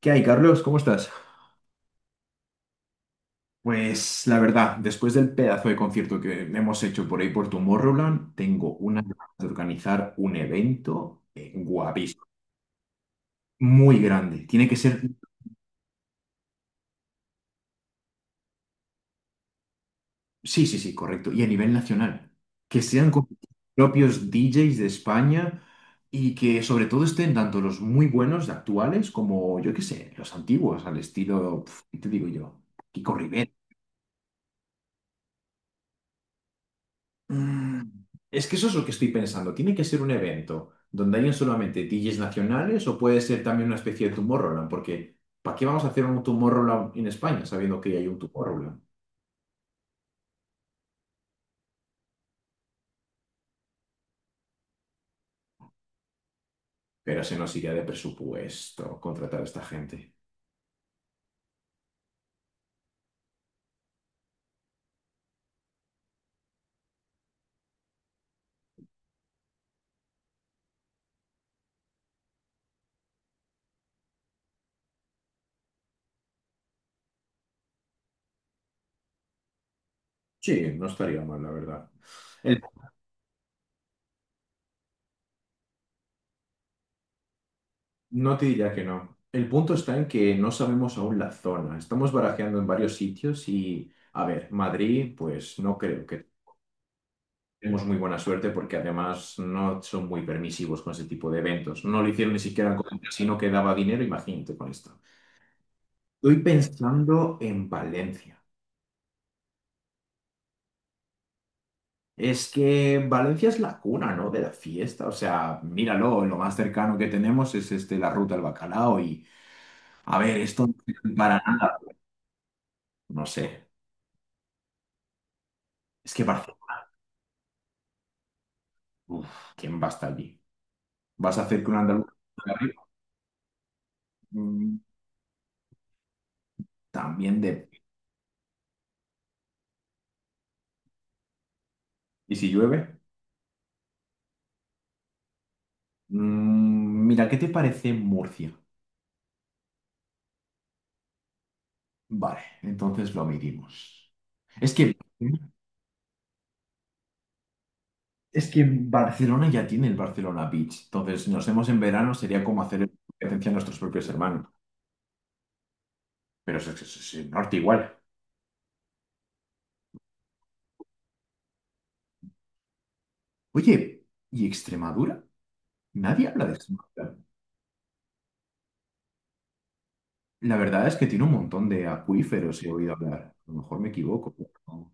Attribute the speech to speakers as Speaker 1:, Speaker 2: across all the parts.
Speaker 1: ¿Qué hay, Carlos? ¿Cómo estás? Pues la verdad, después del pedazo de concierto que hemos hecho por ahí por Tomorrowland, tengo una ganas de organizar un evento guapísimo, muy grande. Tiene que ser, sí, sí, sí, correcto, y a nivel nacional. Que sean con propios DJs de España y que sobre todo estén tanto los muy buenos actuales como, yo qué sé, los antiguos, al estilo, pf, ¿qué te digo yo? Kiko Rivera. Mm, Es que eso es lo que estoy pensando. ¿Tiene que ser un evento donde hayan solamente DJs nacionales o puede ser también una especie de Tomorrowland? Porque ¿para qué vamos a hacer un Tomorrowland en España sabiendo que ya hay un Tomorrowland? Pero se nos iría de presupuesto contratar a esta gente. Sí, no estaría mal, la verdad. El- no te diría que no. El punto está en que no sabemos aún la zona. Estamos barajeando en varios sitios y, a ver, Madrid, pues no creo que... Tenemos muy buena suerte porque además no son muy permisivos con ese tipo de eventos. No lo hicieron ni siquiera con el casino que daba dinero, imagínate con esto. Estoy pensando en Valencia. Es que Valencia es la cuna, ¿no? De la fiesta. O sea, míralo, lo más cercano que tenemos es este, la ruta del bacalao y, a ver, esto no sirve para nada. No sé. Es que Barcelona, uf, ¿quién va a estar allí? ¿Vas a hacer que un andaluz esté arriba? Mm, También de... ¿Y si llueve? Mira, ¿qué te parece Murcia? Vale, entonces lo medimos. Es que, es que Barcelona ya tiene el Barcelona Beach, entonces si nos vemos en verano sería como hacer competencia a nuestros propios hermanos, pero es el norte igual. Oye, ¿y Extremadura? Nadie habla de Extremadura. La verdad es que tiene un montón de acuíferos, he oído hablar. A lo mejor me equivoco, no.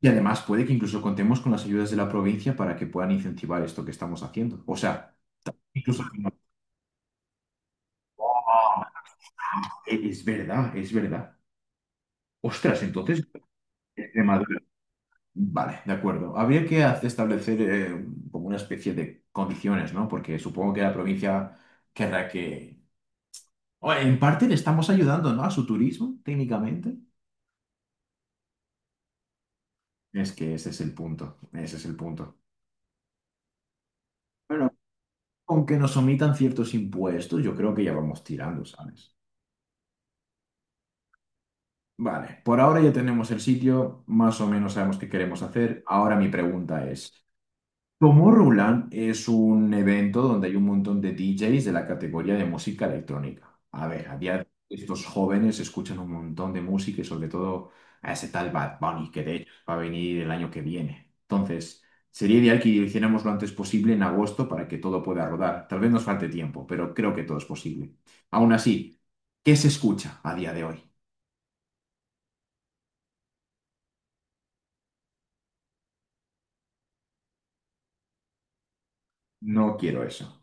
Speaker 1: Y además puede que incluso contemos con las ayudas de la provincia para que puedan incentivar esto que estamos haciendo. O sea, incluso... ¡Oh! Es verdad, es verdad. Ostras, entonces, Extremadura. Vale, de acuerdo. Habría que establecer como una especie de condiciones, ¿no? Porque supongo que la provincia querrá que... O en parte le estamos ayudando, ¿no? A su turismo, técnicamente. Es que ese es el punto, ese es el punto. Bueno, aunque nos omitan ciertos impuestos, yo creo que ya vamos tirando, ¿sabes? Vale, por ahora ya tenemos el sitio, más o menos sabemos qué queremos hacer. Ahora mi pregunta es... Tomorrowland es un evento donde hay un montón de DJs de la categoría de música electrónica. A ver, a día de hoy estos jóvenes escuchan un montón de música y sobre todo a ese tal Bad Bunny, que de hecho va a venir el año que viene. Entonces, sería ideal que hiciéramos lo antes posible en agosto para que todo pueda rodar. Tal vez nos falte tiempo, pero creo que todo es posible. Aún así, ¿qué se escucha a día de hoy? No quiero eso.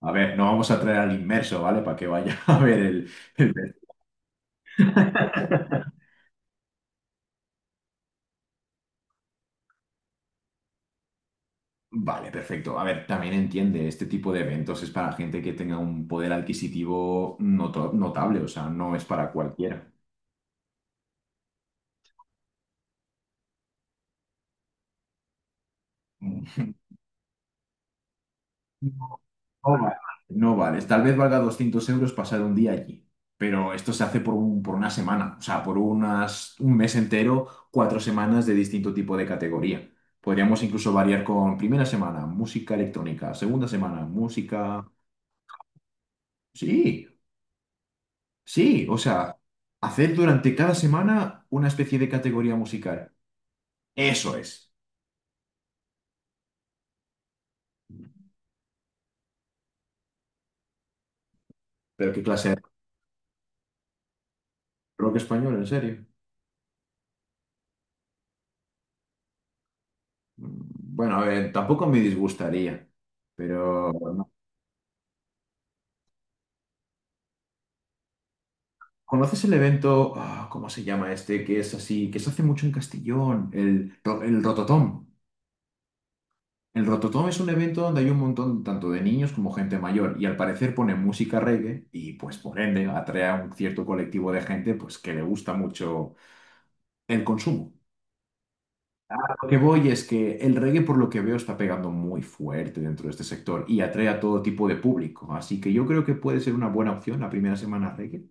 Speaker 1: A ver, no vamos a traer al inmerso, ¿vale? Para que vaya a ver el... Vale, perfecto. A ver, también entiende, este tipo de eventos es para gente que tenga un poder adquisitivo notable, o sea, no es para cualquiera. No, no vale. No vale. Tal vez valga 200 euros pasar un día allí, pero esto se hace por por una semana, o sea, por unas, un mes entero, cuatro semanas de distinto tipo de categoría. Podríamos incluso variar con primera semana, música electrónica, segunda semana, música... Sí, sí, o sea, hacer durante cada semana una especie de categoría musical. Eso es. Pero qué clase de rock español, en serio. Mm, Bueno, a ver, tampoco me disgustaría, pero no. ¿Conoces el evento, ah, cómo se llama este, que es así, que se hace mucho en Castellón, el, el Rototom? El Rototom es un evento donde hay un montón tanto de niños como gente mayor y al parecer ponen música reggae y pues por ende atrae a un cierto colectivo de gente pues que le gusta mucho el consumo. Lo que voy es que el reggae, por lo que veo, está pegando muy fuerte dentro de este sector y atrae a todo tipo de público. Así que yo creo que puede ser una buena opción la primera semana reggae.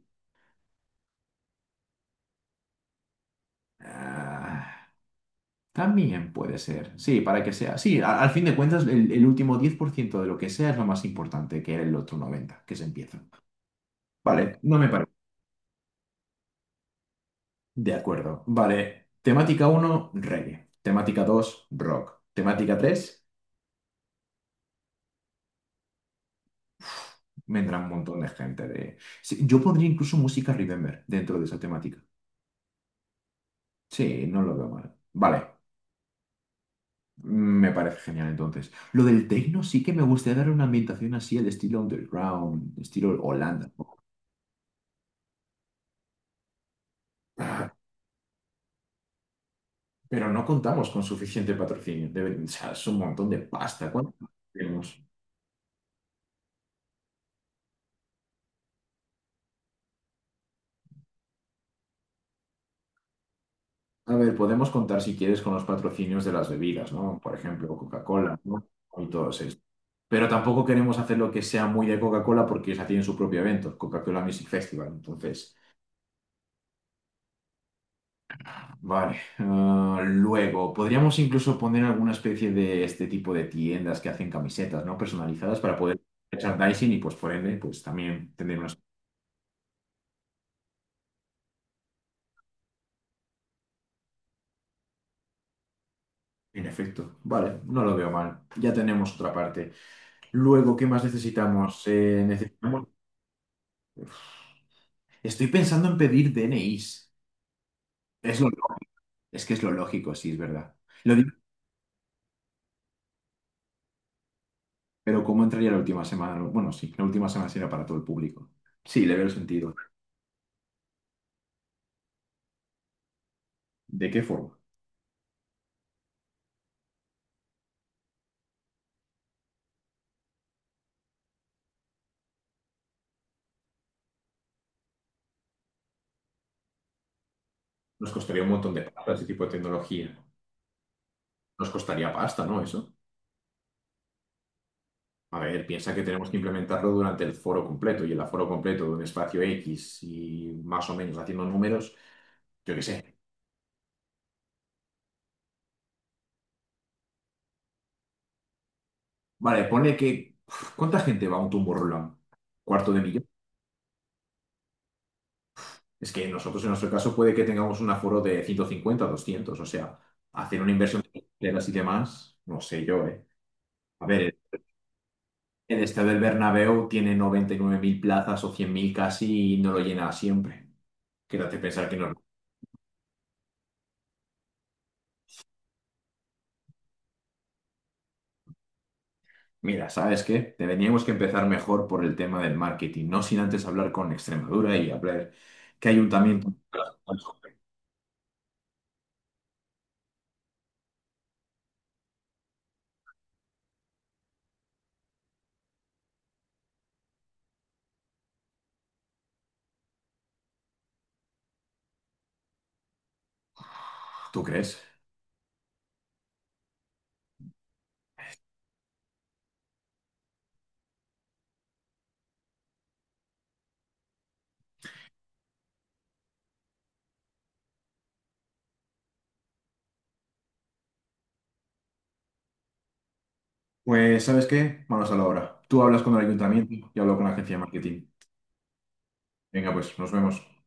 Speaker 1: Ah, también puede ser. Sí, para que sea. Sí, al fin de cuentas, el último 10% de lo que sea es lo más importante que el otro 90%, que se empieza. Vale, no me parece. De acuerdo. Vale. Temática uno reggae. Temática 2 rock. Temática 3 vendrá un montón de gente de... Sí, yo pondría incluso música Remember dentro de esa temática. Sí, no lo veo mal. Vale, me parece genial entonces. Lo del techno sí que me gustaría dar una ambientación así al estilo underground, estilo Holanda, ¿no? Pero no contamos con suficiente patrocinio. O sea, es un montón de pasta. ¿Cuánto tenemos? A ver, podemos contar si quieres con los patrocinios de las bebidas, ¿no? Por ejemplo, Coca-Cola, ¿no? Y todos estos. Pero tampoco queremos hacer lo que sea muy de Coca-Cola porque ya tienen su propio evento, Coca-Cola Music Festival. Entonces, vale. Luego, podríamos incluso poner alguna especie de este tipo de tiendas que hacen camisetas, ¿no? Personalizadas para poder merchandising y pues por ende, pues también tener unas... En efecto, vale, no lo veo mal. Ya tenemos otra parte. Luego, ¿qué más necesitamos? Necesitamos... Estoy pensando en pedir DNIs. Es lo... Es que es lo lógico, sí, es verdad. Lo digo, pero ¿cómo entraría la última semana? Bueno, sí, la última semana será para todo el público. Sí, le veo el sentido. ¿De qué forma? Nos costaría un montón de plata ese tipo de tecnología. Nos costaría pasta, ¿no? Eso. A ver, piensa que tenemos que implementarlo durante el foro completo y el aforo completo de un espacio X y más o menos haciendo números, yo qué sé. Vale, ponle que... uf, ¿Cuánta gente va a un Tomorrowland? ¿Cuarto de millón? Es que nosotros en nuestro caso puede que tengamos un aforo de 150, 200, o sea, hacer una inversión de carreteras y demás, no sé yo, ¿eh? A ver, el estadio del Bernabéu tiene 99.000 plazas o 100.000 casi y no lo llena siempre. Quédate pensar que no... Mira, ¿sabes qué? Tendríamos que empezar mejor por el tema del marketing, no sin antes hablar con Extremadura y hablar qué ayuntamiento. ¿Tú crees? Pues, ¿sabes qué? Manos a la obra. Tú hablas con el ayuntamiento y hablo con la agencia de marketing. Venga, pues, nos vemos.